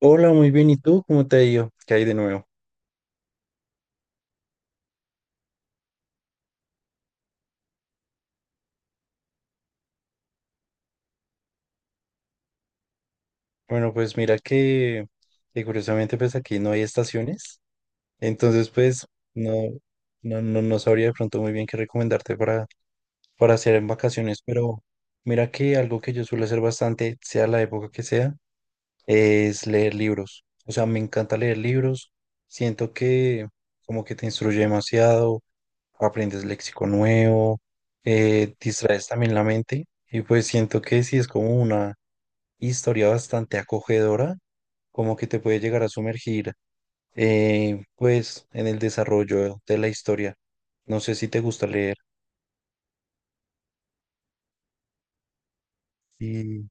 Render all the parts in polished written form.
Hola, muy bien. ¿Y tú? ¿Cómo te ha ido? ¿Qué hay de nuevo? Bueno, pues mira que curiosamente pues aquí no hay estaciones, entonces pues no, no, no sabría de pronto muy bien qué recomendarte para hacer en vacaciones, pero mira que algo que yo suelo hacer bastante, sea la época que sea, es leer libros. O sea, me encanta leer libros, siento que como que te instruye demasiado, aprendes léxico nuevo, distraes también la mente y pues siento que sí es como una historia bastante acogedora, como que te puede llegar a sumergir, pues, en el desarrollo de la historia. No sé si te gusta leer. Y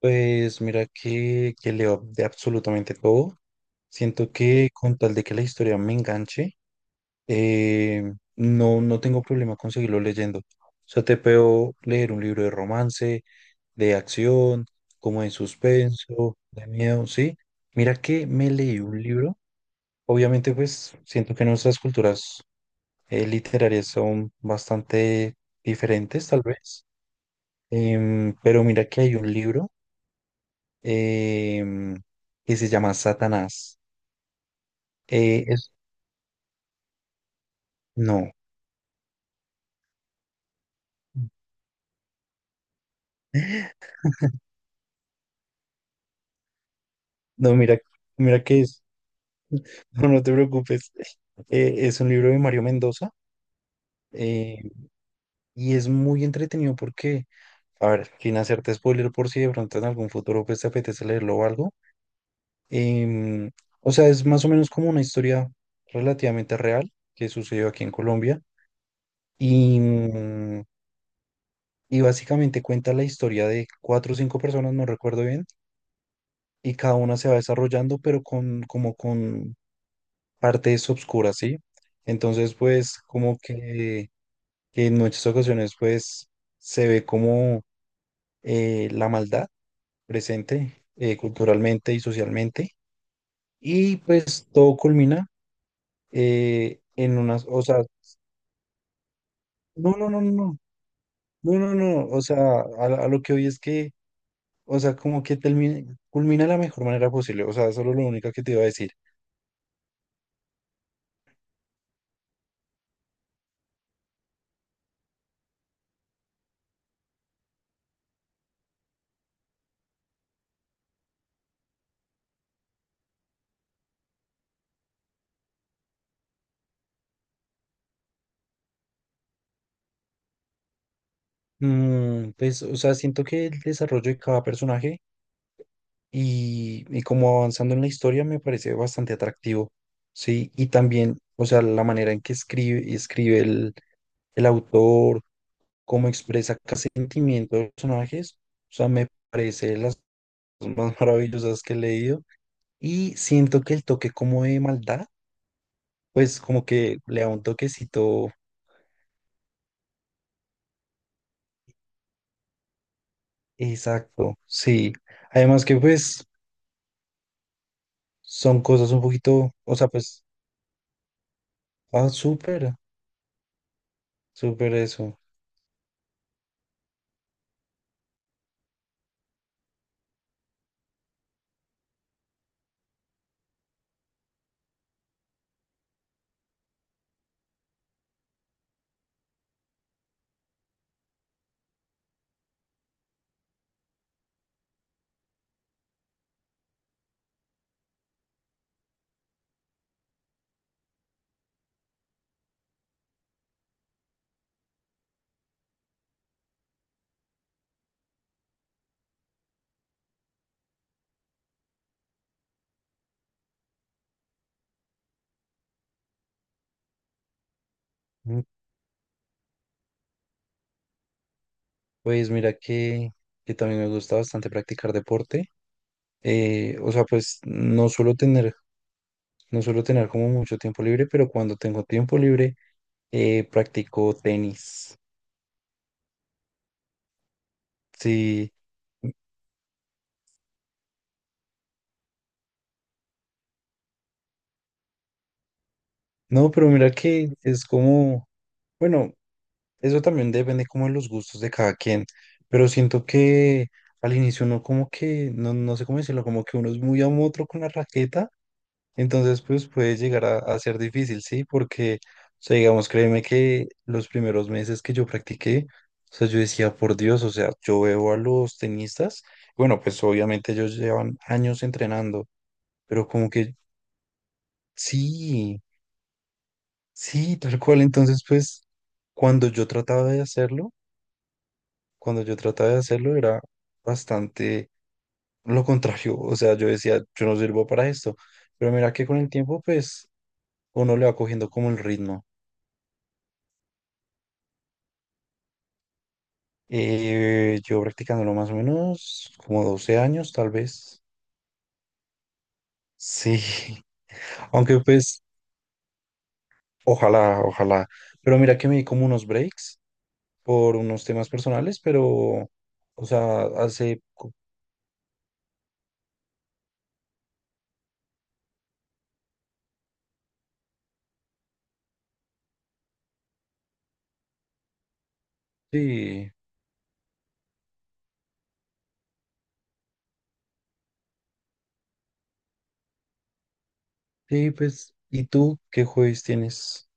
pues mira que leo de absolutamente todo. Siento que con tal de que la historia me enganche, no, no tengo problema con seguirlo leyendo. O sea, te puedo leer un libro de romance, de acción, como de suspenso, de miedo, ¿sí? Mira que me leí un libro. Obviamente, pues siento que nuestras culturas literarias son bastante diferentes, tal vez. Pero mira que hay un libro em, que se llama Satanás. Eh, es, no, no, mira, mira que es, no, no te preocupes. Es un libro de Mario Mendoza eh, y es muy entretenido porque, a ver, sin hacerte spoiler por si de pronto en algún futuro pues, te apetece leerlo o algo. Em, o sea, es más o menos como una historia relativamente real que sucedió aquí en Colombia. Y, mm, y básicamente cuenta la historia de cuatro o cinco personas, no recuerdo bien, y cada una se va desarrollando, pero con, como con partes obscuras, ¿sí? Entonces, pues, como que en muchas ocasiones, pues, se ve como la maldad presente culturalmente y socialmente. Y pues todo culmina en unas, o sea, no, no, no, no, no, no, no, o sea, a, a lo que hoy es que, o sea, como que termine, culmina de la mejor manera posible, o sea, solo lo único que te iba a decir. Mm, pues, o sea, siento que el desarrollo de cada personaje y como avanzando en la historia me parece bastante atractivo, ¿sí? Y también, o sea, la manera en que el autor, cómo expresa cada sentimiento de los personajes, o sea, me parece las cosas más maravillosas que he leído y siento que el toque como de maldad, pues como que le da un toquecito. Exacto, sí. Además que pues son cosas un poquito, o sea, pues, ah, súper eso. Mm, pues mira que también me gusta bastante practicar deporte. O sea, pues no suelo tener como mucho tiempo libre, pero cuando tengo tiempo libre, practico tenis. Sí, no, pero mira que es como, bueno. Eso también depende como de los gustos de cada quien, pero siento que al inicio uno como que, no, no sé cómo decirlo, como que uno es muy amotro con la raqueta, entonces pues puede llegar a ser difícil, ¿sí? Porque, o sea, digamos, créeme que los primeros meses que yo practiqué, o sea, yo decía, por Dios, o sea, yo veo a los tenistas, bueno, pues obviamente ellos llevan años entrenando, pero como que sí, sí, tal cual, entonces pues cuando yo trataba de hacerlo, cuando yo trataba de hacerlo era bastante lo contrario, o sea, yo decía, yo no sirvo para esto, pero mira que con el tiempo, pues, uno le va cogiendo como el ritmo. Yo practicándolo más o menos como 12 años, tal vez, sí, aunque pues, ojalá, ojalá, pero mira que me di como unos breaks por unos temas personales, pero, o sea, sí, sí, pues, ¿y tú qué jueves tienes?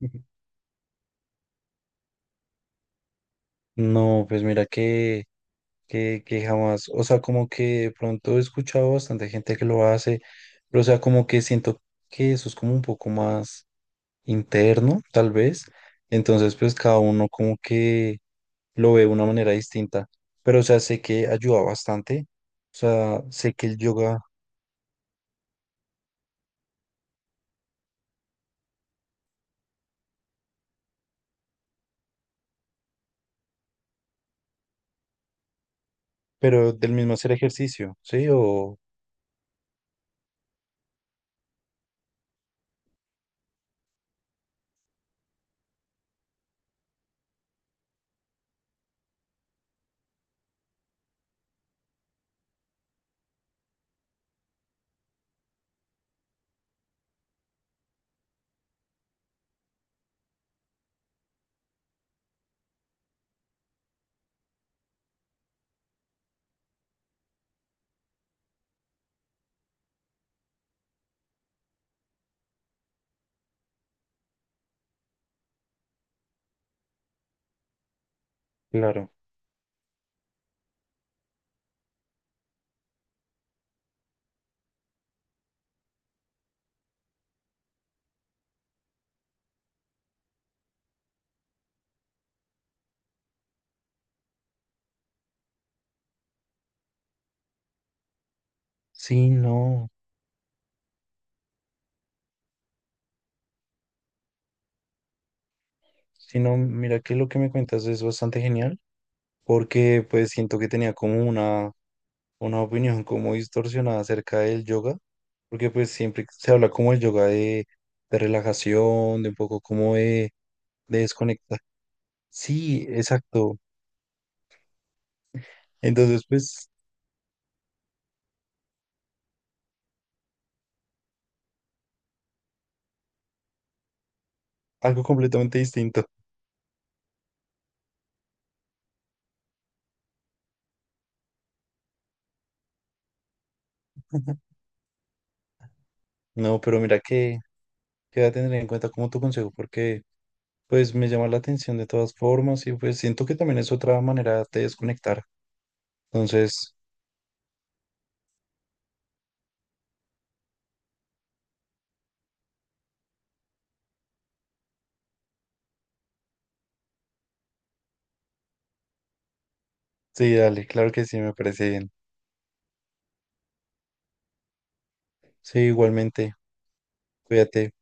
No, pues mira que... que jamás, o sea, como que de pronto he escuchado bastante gente que lo hace, pero o sea, como que siento que eso es como un poco más interno, tal vez, entonces pues cada uno como que lo ve de una manera distinta, pero o sea, sé que ayuda bastante, o sea, sé que el yoga, pero del mismo hacer ejercicio, ¿sí? O, claro, sí, no, sí, no, mira que lo que me cuentas es bastante genial, porque pues siento que tenía como una opinión como distorsionada acerca del yoga, porque pues siempre se habla como el yoga de relajación, de un poco como de desconectar. Sí, exacto. Entonces, pues algo completamente distinto. No, pero mira que voy a tener en cuenta como tu consejo, porque pues me llama la atención de todas formas y pues siento que también es otra manera de desconectar. Entonces, sí, dale, claro que sí, me parece bien. Sí, igualmente, cuídate.